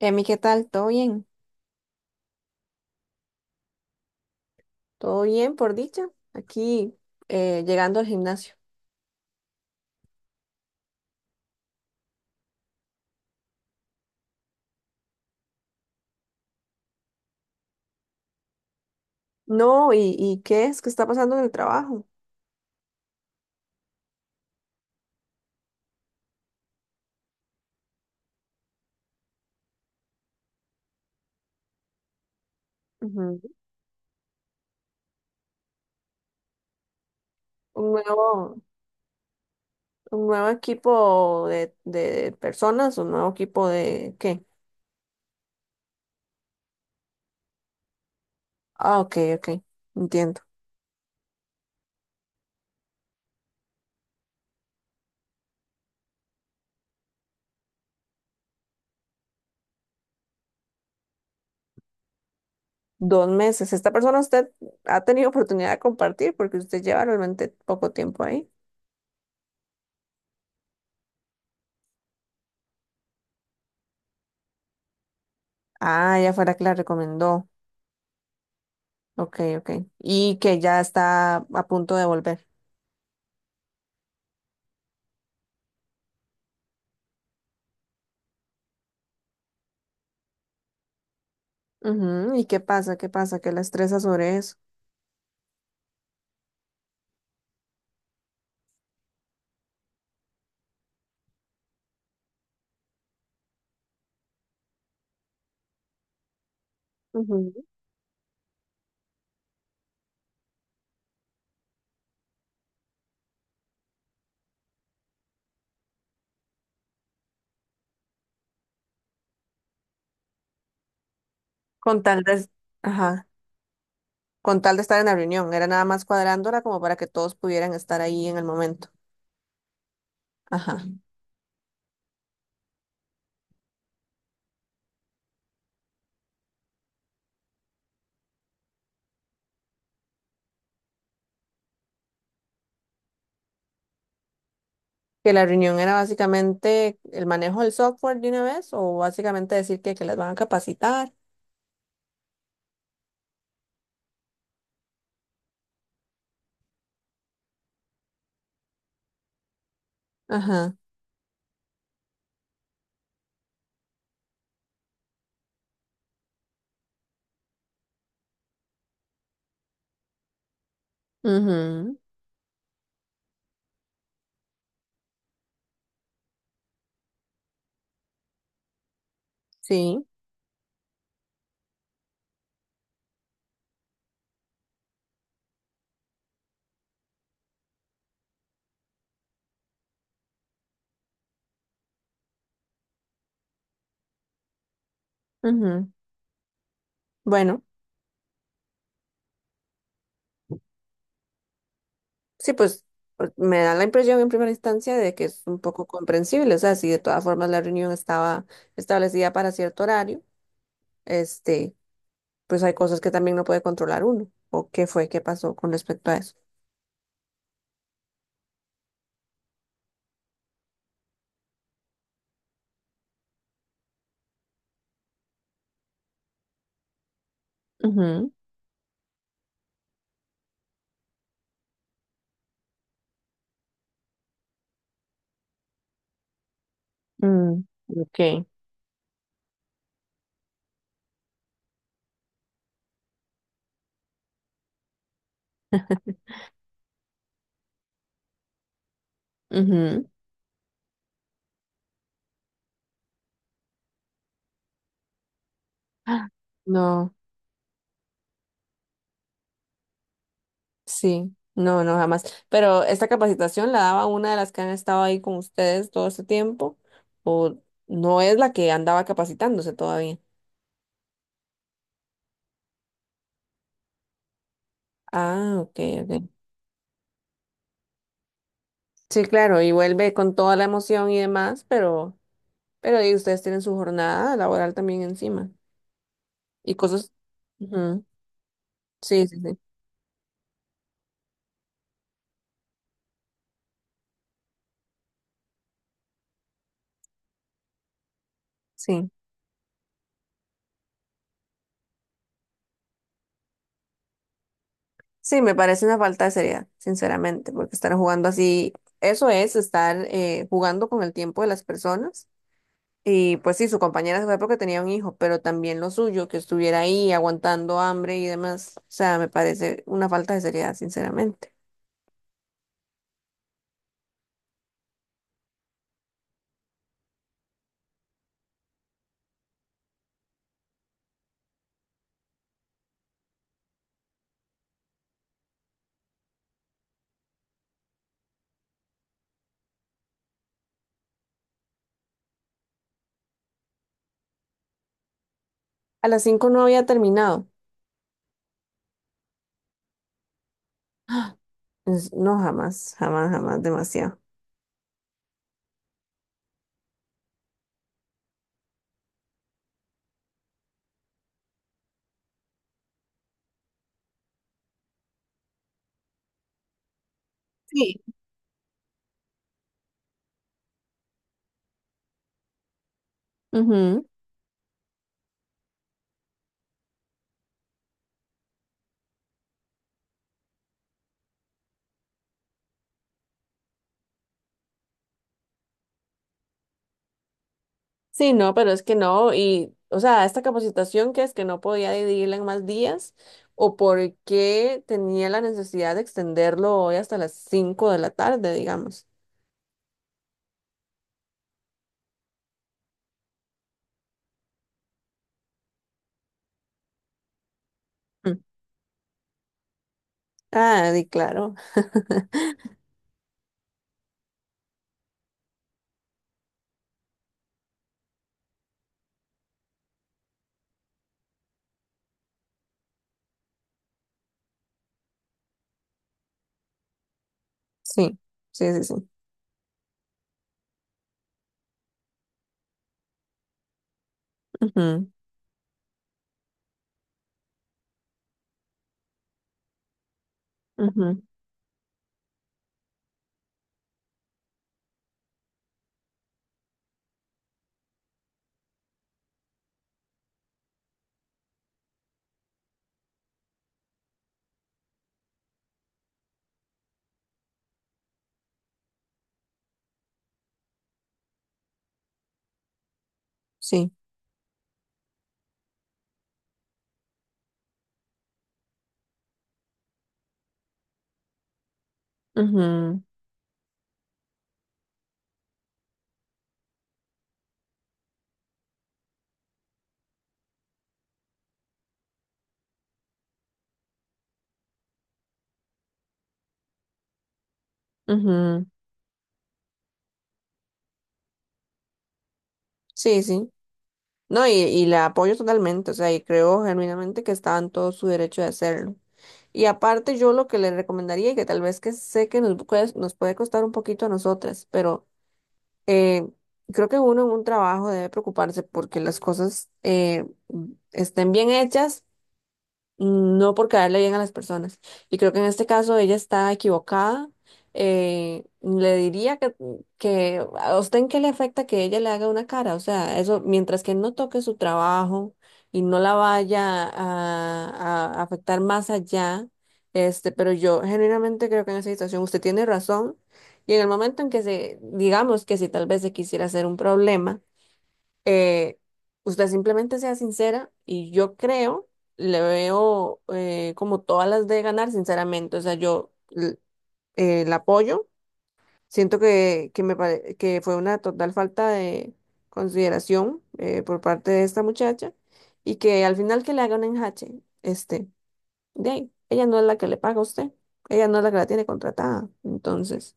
Emi, ¿qué tal? ¿Todo bien? ¿Todo bien, por dicha? Aquí llegando al gimnasio. No, ¿y qué es? ¿Qué está pasando en el trabajo? Ujú. Un nuevo, un nuevo equipo de personas, un nuevo equipo de ¿qué? Ah, ok, ok, entiendo. Dos meses. Esta persona, usted ha tenido oportunidad de compartir porque usted lleva realmente poco tiempo ahí. Ah, ya fuera que la recomendó. Ok, ok. Y que ya está a punto de volver. Ujú, ¿y qué pasa? ¿Qué pasa, que la estresa sobre eso? Ujú. Con tal de, ajá, con tal de estar en la reunión, era nada más cuadrándola como para que todos pudieran estar ahí en el momento. Ajá. ¿Que la reunión era básicamente el manejo del software de una vez, o básicamente decir que las van a capacitar? Ajá. Ujú. Sí. Ujú. Bueno, sí, pues, pues me da la impresión en primera instancia de que es un poco comprensible. O sea, si de todas formas la reunión estaba establecida para cierto horario, este, pues hay cosas que también no puede controlar uno. ¿O qué fue? ¿Qué pasó con respecto a eso? Ujú. Mm, ok. Ujú. Ah, no, sí, no, no, jamás. Pero esta capacitación la daba una de las que han estado ahí con ustedes todo este tiempo, o no es la que andaba capacitándose todavía. Ah, ok, ok. Sí, claro, y vuelve con toda la emoción y demás, pero y ustedes tienen su jornada laboral también encima. Y cosas. Ujú. Sí, sí, sí. Sí. Sí, me parece una falta de seriedad, sinceramente, porque estar jugando así, eso es estar jugando con el tiempo de las personas. Y pues sí, su compañera se fue porque tenía un hijo, pero también lo suyo, que estuviera ahí aguantando hambre y demás. O sea, me parece una falta de seriedad, sinceramente. A las cinco no había terminado. No, jamás, jamás, jamás, demasiado. Sí. Ujú. Sí, no, pero es que no, y, o sea, esta capacitación, que es que no podía dividirla en más días, o por qué tenía la necesidad de extenderlo hoy hasta las cinco de la tarde, digamos. Mm. Ah, di claro. Sí, sí, sí, sí. Ujú, ujú, sí, ujú, ujú. Sí, sí. No, y la apoyo totalmente, o sea, y creo genuinamente que está en todo su derecho de hacerlo. Y aparte yo lo que le recomendaría, y que tal vez que sé que nos puede costar un poquito a nosotras, pero eh, creo que uno en un trabajo debe preocuparse porque las cosas estén bien hechas, no por caerle bien a las personas. Y creo que en este caso ella está equivocada. Le diría que a usted en qué le afecta que ella le haga una cara. O sea, eso, mientras que no toque su trabajo y no la vaya a afectar más allá, este, pero yo genuinamente creo que en esa situación usted tiene razón. Y en el momento en que se, digamos, que si tal vez se quisiera hacer un problema, eh, usted simplemente sea sincera y yo creo, le veo como todas las de ganar, sinceramente. O sea, la apoyo. Siento que, que fue una total falta de consideración por parte de esta muchacha y que al final que le haga un enjache, este, de ahí, ella no es la que le paga a usted, ella no es la que la tiene contratada. Entonces,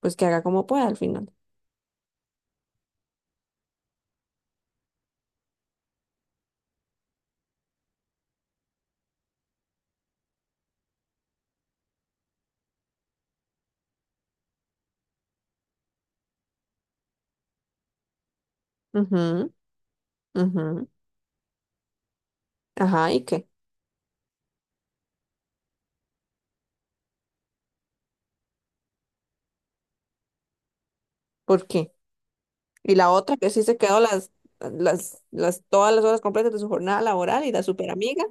pues que haga como pueda al final. Ujú, ujú. Ajá, ¿y qué? ¿Por qué? Y la otra que sí se quedó las, todas las horas completas de su jornada laboral, y la super amiga.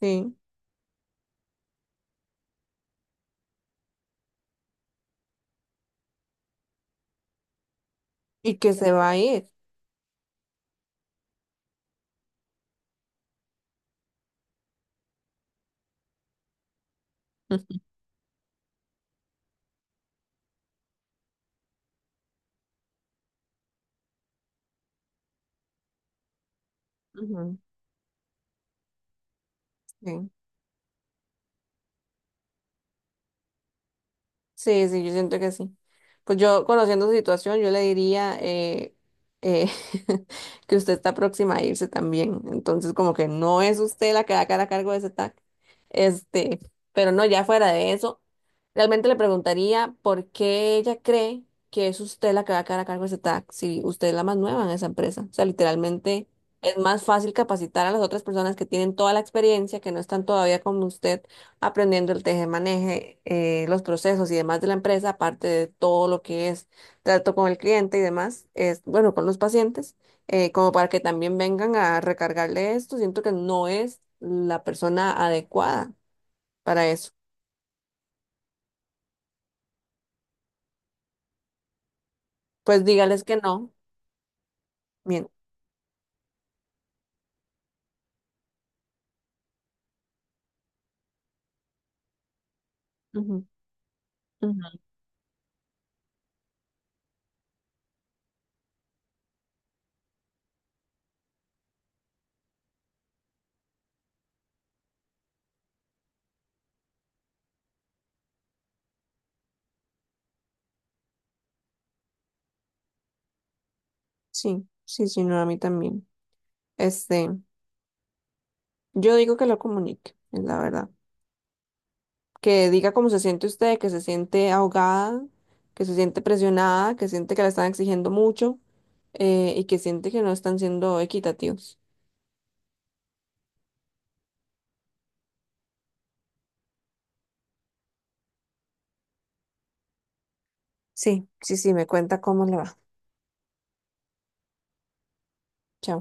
Sí. Y que se va a ir. Ujú. Sí. Sí, sí, yo siento que sí. Pues yo, conociendo su situación, yo le diría eh, que usted está próxima a irse también. Entonces, como que no es usted la que va a quedar a cargo de ese TAC. Este, pero no, ya fuera de eso, realmente le preguntaría por qué ella cree que es usted la que va a quedar a cargo de ese TAC, si usted es la más nueva en esa empresa. O sea, literalmente es más fácil capacitar a las otras personas que tienen toda la experiencia, que no están todavía como usted aprendiendo el teje-maneje, los procesos y demás de la empresa, aparte de todo lo que es trato con el cliente y demás, es, bueno, con los pacientes, como para que también vengan a recargarle esto. Siento que no es la persona adecuada para eso. Pues dígales que no. Bien. Ujú, ujú. Sí, sí, sí, no, a mí también. Este, yo digo que lo comunique, es la verdad. Que diga cómo se siente usted, que se siente ahogada, que se siente presionada, que siente que la están exigiendo mucho, y que siente que no están siendo equitativos. Sí, sí, sí, me cuenta cómo le va. Chao.